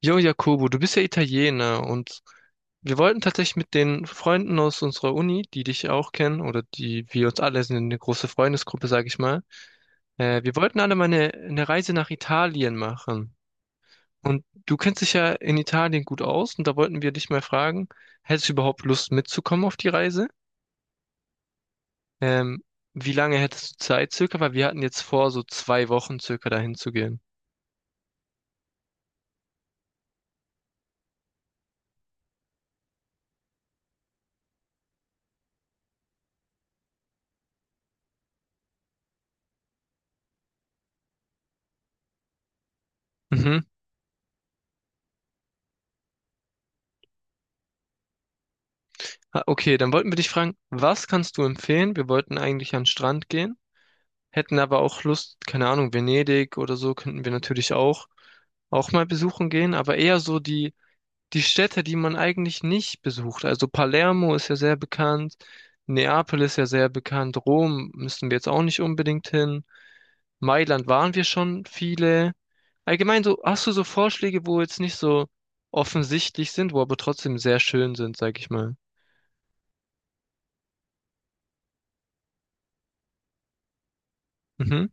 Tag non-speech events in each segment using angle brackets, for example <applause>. Jo, Jakobo, du bist ja Italiener und wir wollten tatsächlich mit den Freunden aus unserer Uni, die dich ja auch kennen oder die wir uns alle sind eine große Freundesgruppe, sag ich mal. Wir wollten alle mal eine Reise nach Italien machen. Und du kennst dich ja in Italien gut aus und da wollten wir dich mal fragen, hättest du überhaupt Lust mitzukommen auf die Reise? Ähm, Wie lange hättest du Zeit circa? Weil wir hatten jetzt vor, so 2 Wochen circa dahin zu gehen. Mhm. Ah, okay, dann wollten wir dich fragen, was kannst du empfehlen? Wir wollten eigentlich an den Strand gehen, hätten aber auch Lust, keine Ahnung, Venedig oder so könnten wir natürlich auch mal besuchen gehen, aber eher so die Städte, die man eigentlich nicht besucht. Also Palermo ist ja sehr bekannt, Neapel ist ja sehr bekannt, Rom müssen wir jetzt auch nicht unbedingt hin. Mailand waren wir schon viele. Allgemein so, hast du so Vorschläge, wo jetzt nicht so offensichtlich sind, wo aber trotzdem sehr schön sind, sag ich mal. Mhm.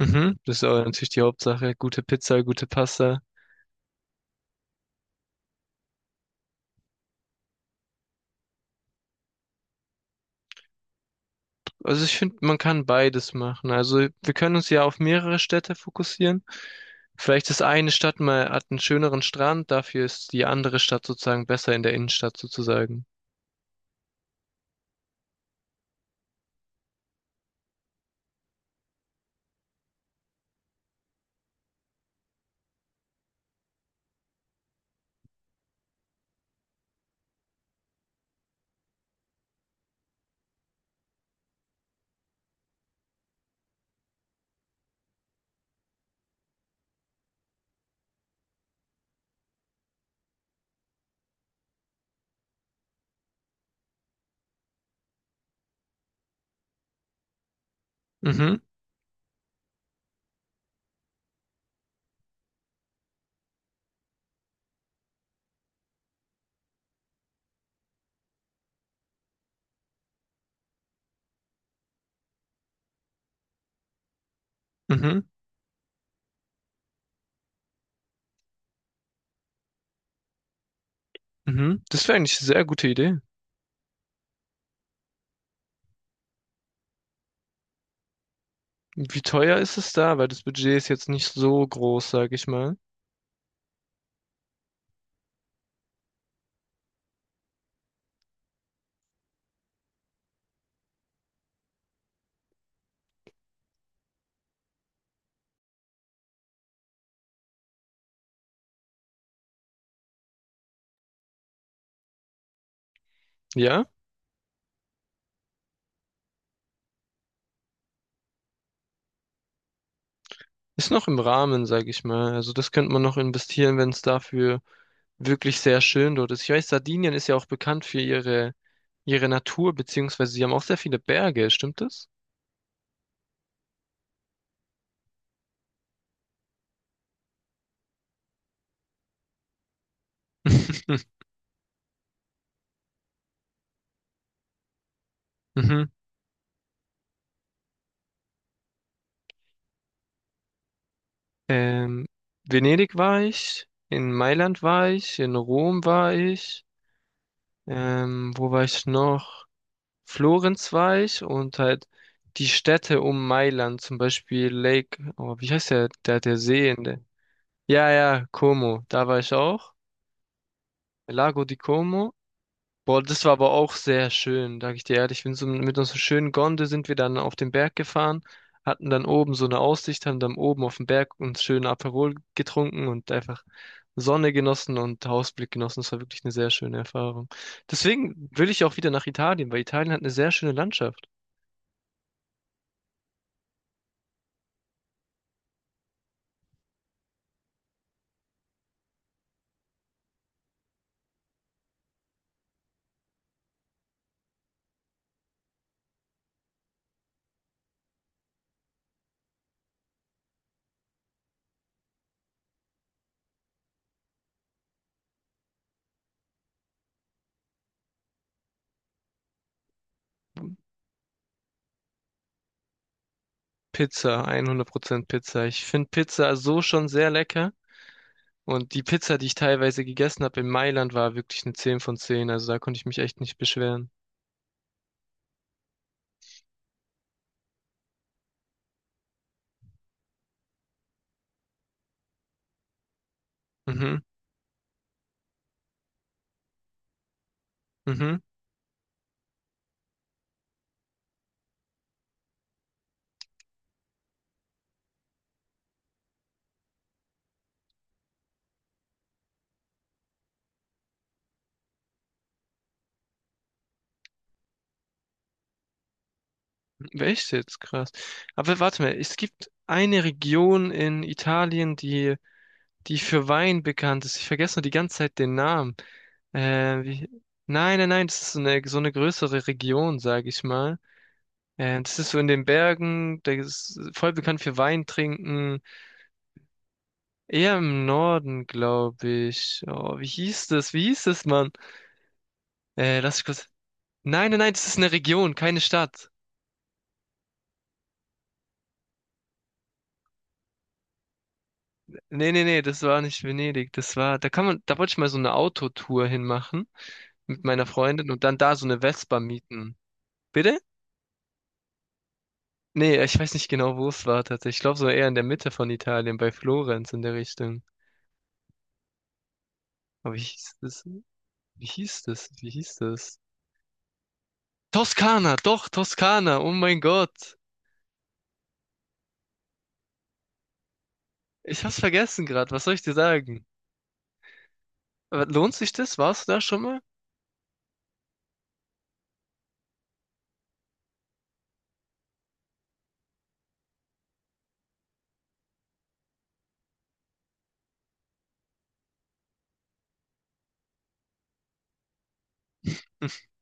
Mhm, das ist aber natürlich die Hauptsache. Gute Pizza, gute Pasta. Also ich finde, man kann beides machen. Also wir können uns ja auf mehrere Städte fokussieren. Vielleicht ist eine Stadt mal hat einen schöneren Strand, dafür ist die andere Stadt sozusagen besser in der Innenstadt sozusagen. Mhm, mhm, mhm. Das wäre eigentlich eine sehr gute Idee. Wie teuer ist es da? Weil das Budget ist jetzt nicht so groß, sag ich mal. Ja, ist noch im Rahmen, sag ich mal. Also das könnte man noch investieren, wenn es dafür wirklich sehr schön dort ist. Ich weiß, Sardinien ist ja auch bekannt für ihre Natur, beziehungsweise sie haben auch sehr viele Berge, stimmt das? <laughs> Mhm. Ähm, Venedig war ich, in Mailand war ich, in Rom war ich, wo war ich noch? Florenz war ich und halt die Städte um Mailand, zum Beispiel Lake, oh, wie heißt der See in der, ja, ja, Como, da war ich auch, Lago di Como. Boah, das war aber auch sehr schön, sag ich dir ehrlich. Ich bin so mit unserer schönen Gondel sind wir dann auf den Berg gefahren, hatten dann oben so eine Aussicht, haben dann oben auf dem Berg uns schön Aperol getrunken und einfach Sonne genossen und Ausblick genossen. Das war wirklich eine sehr schöne Erfahrung. Deswegen will ich auch wieder nach Italien, weil Italien hat eine sehr schöne Landschaft. Pizza, 100% Pizza. Ich finde Pizza so schon sehr lecker. Und die Pizza, die ich teilweise gegessen habe in Mailand, war wirklich eine 10 von 10. Also da konnte ich mich echt nicht beschweren. Mhm, mhm. Echt jetzt? Krass. Aber warte mal, es gibt eine Region in Italien, die, die für Wein bekannt ist. Ich vergesse nur die ganze Zeit den Namen. Äh, wie, nein, nein, nein, das ist so eine größere Region, sage ich mal. Das ist so in den Bergen, da ist voll bekannt für Wein trinken. Eher im Norden, glaube ich. Oh, wie hieß das? Wie hieß das, Mann? Lass ich kurz. Nein, nein, nein, das ist eine Region, keine Stadt. Nee, nee, nee, das war nicht Venedig. Das war, da kann man, da wollte ich mal so eine Autotour hinmachen mit meiner Freundin und dann da so eine Vespa mieten. Bitte? Nee, ich weiß nicht genau, wo es war tatsächlich. Ich glaube, so eher in der Mitte von Italien, bei Florenz in der Richtung. Aber wie hieß das? Wie hieß das? Toskana, doch, Toskana, oh mein Gott. Ich hab's vergessen gerade, was soll ich dir sagen? Aber lohnt sich das? Warst du da schon mal? <laughs>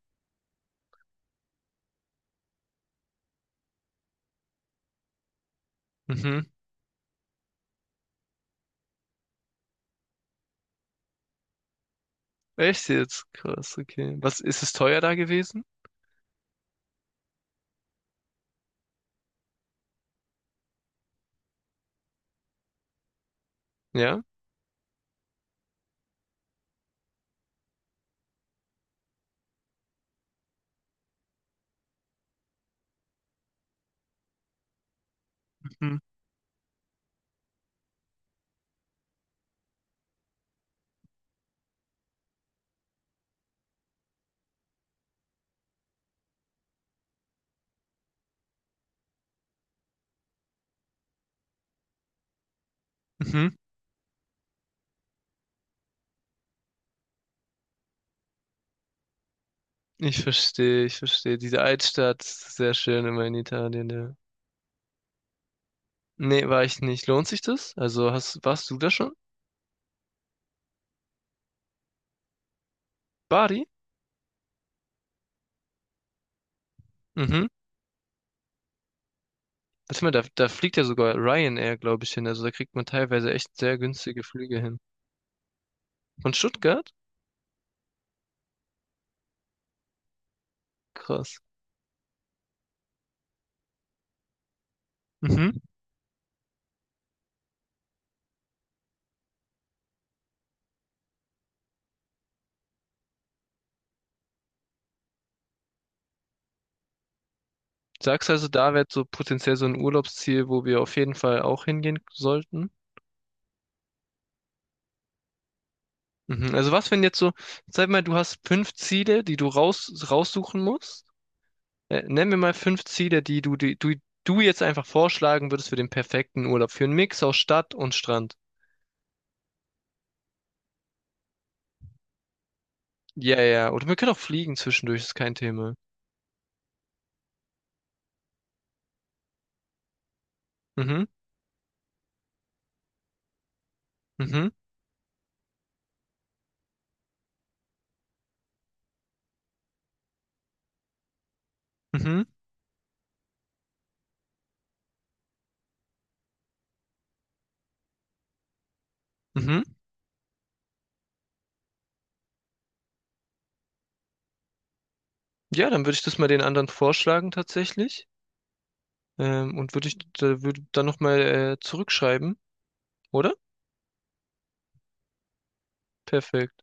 Mhm. Echt jetzt? Krass, okay. Was, ist es teuer da gewesen? Ja? Mhm. Mhm. Ich verstehe, ich verstehe. Diese Altstadt, sehr schön immer in Italien, ja. Nee, war ich nicht. Lohnt sich das? Also hast, warst du da schon? Bari? Mhm. Warte mal, da fliegt ja sogar Ryanair, glaube ich, hin. Also da kriegt man teilweise echt sehr günstige Flüge hin. Von Stuttgart? Krass. Mhm. Sagst also, da wäre so potenziell so ein Urlaubsziel, wo wir auf jeden Fall auch hingehen sollten? Mhm. Also was, wenn jetzt so, sag mal, du hast 5 Ziele, die du raussuchen musst. Nenn mir mal 5 Ziele, die du jetzt einfach vorschlagen würdest für den perfekten Urlaub. Für einen Mix aus Stadt und Strand. Ja, ja. Oder wir können auch fliegen zwischendurch, ist kein Thema. Mhm, mhm, mhm, mhm. Ja, dann würde ich das mal den anderen vorschlagen tatsächlich. Und würde ich da, würde dann nochmal zurückschreiben, oder? Perfekt.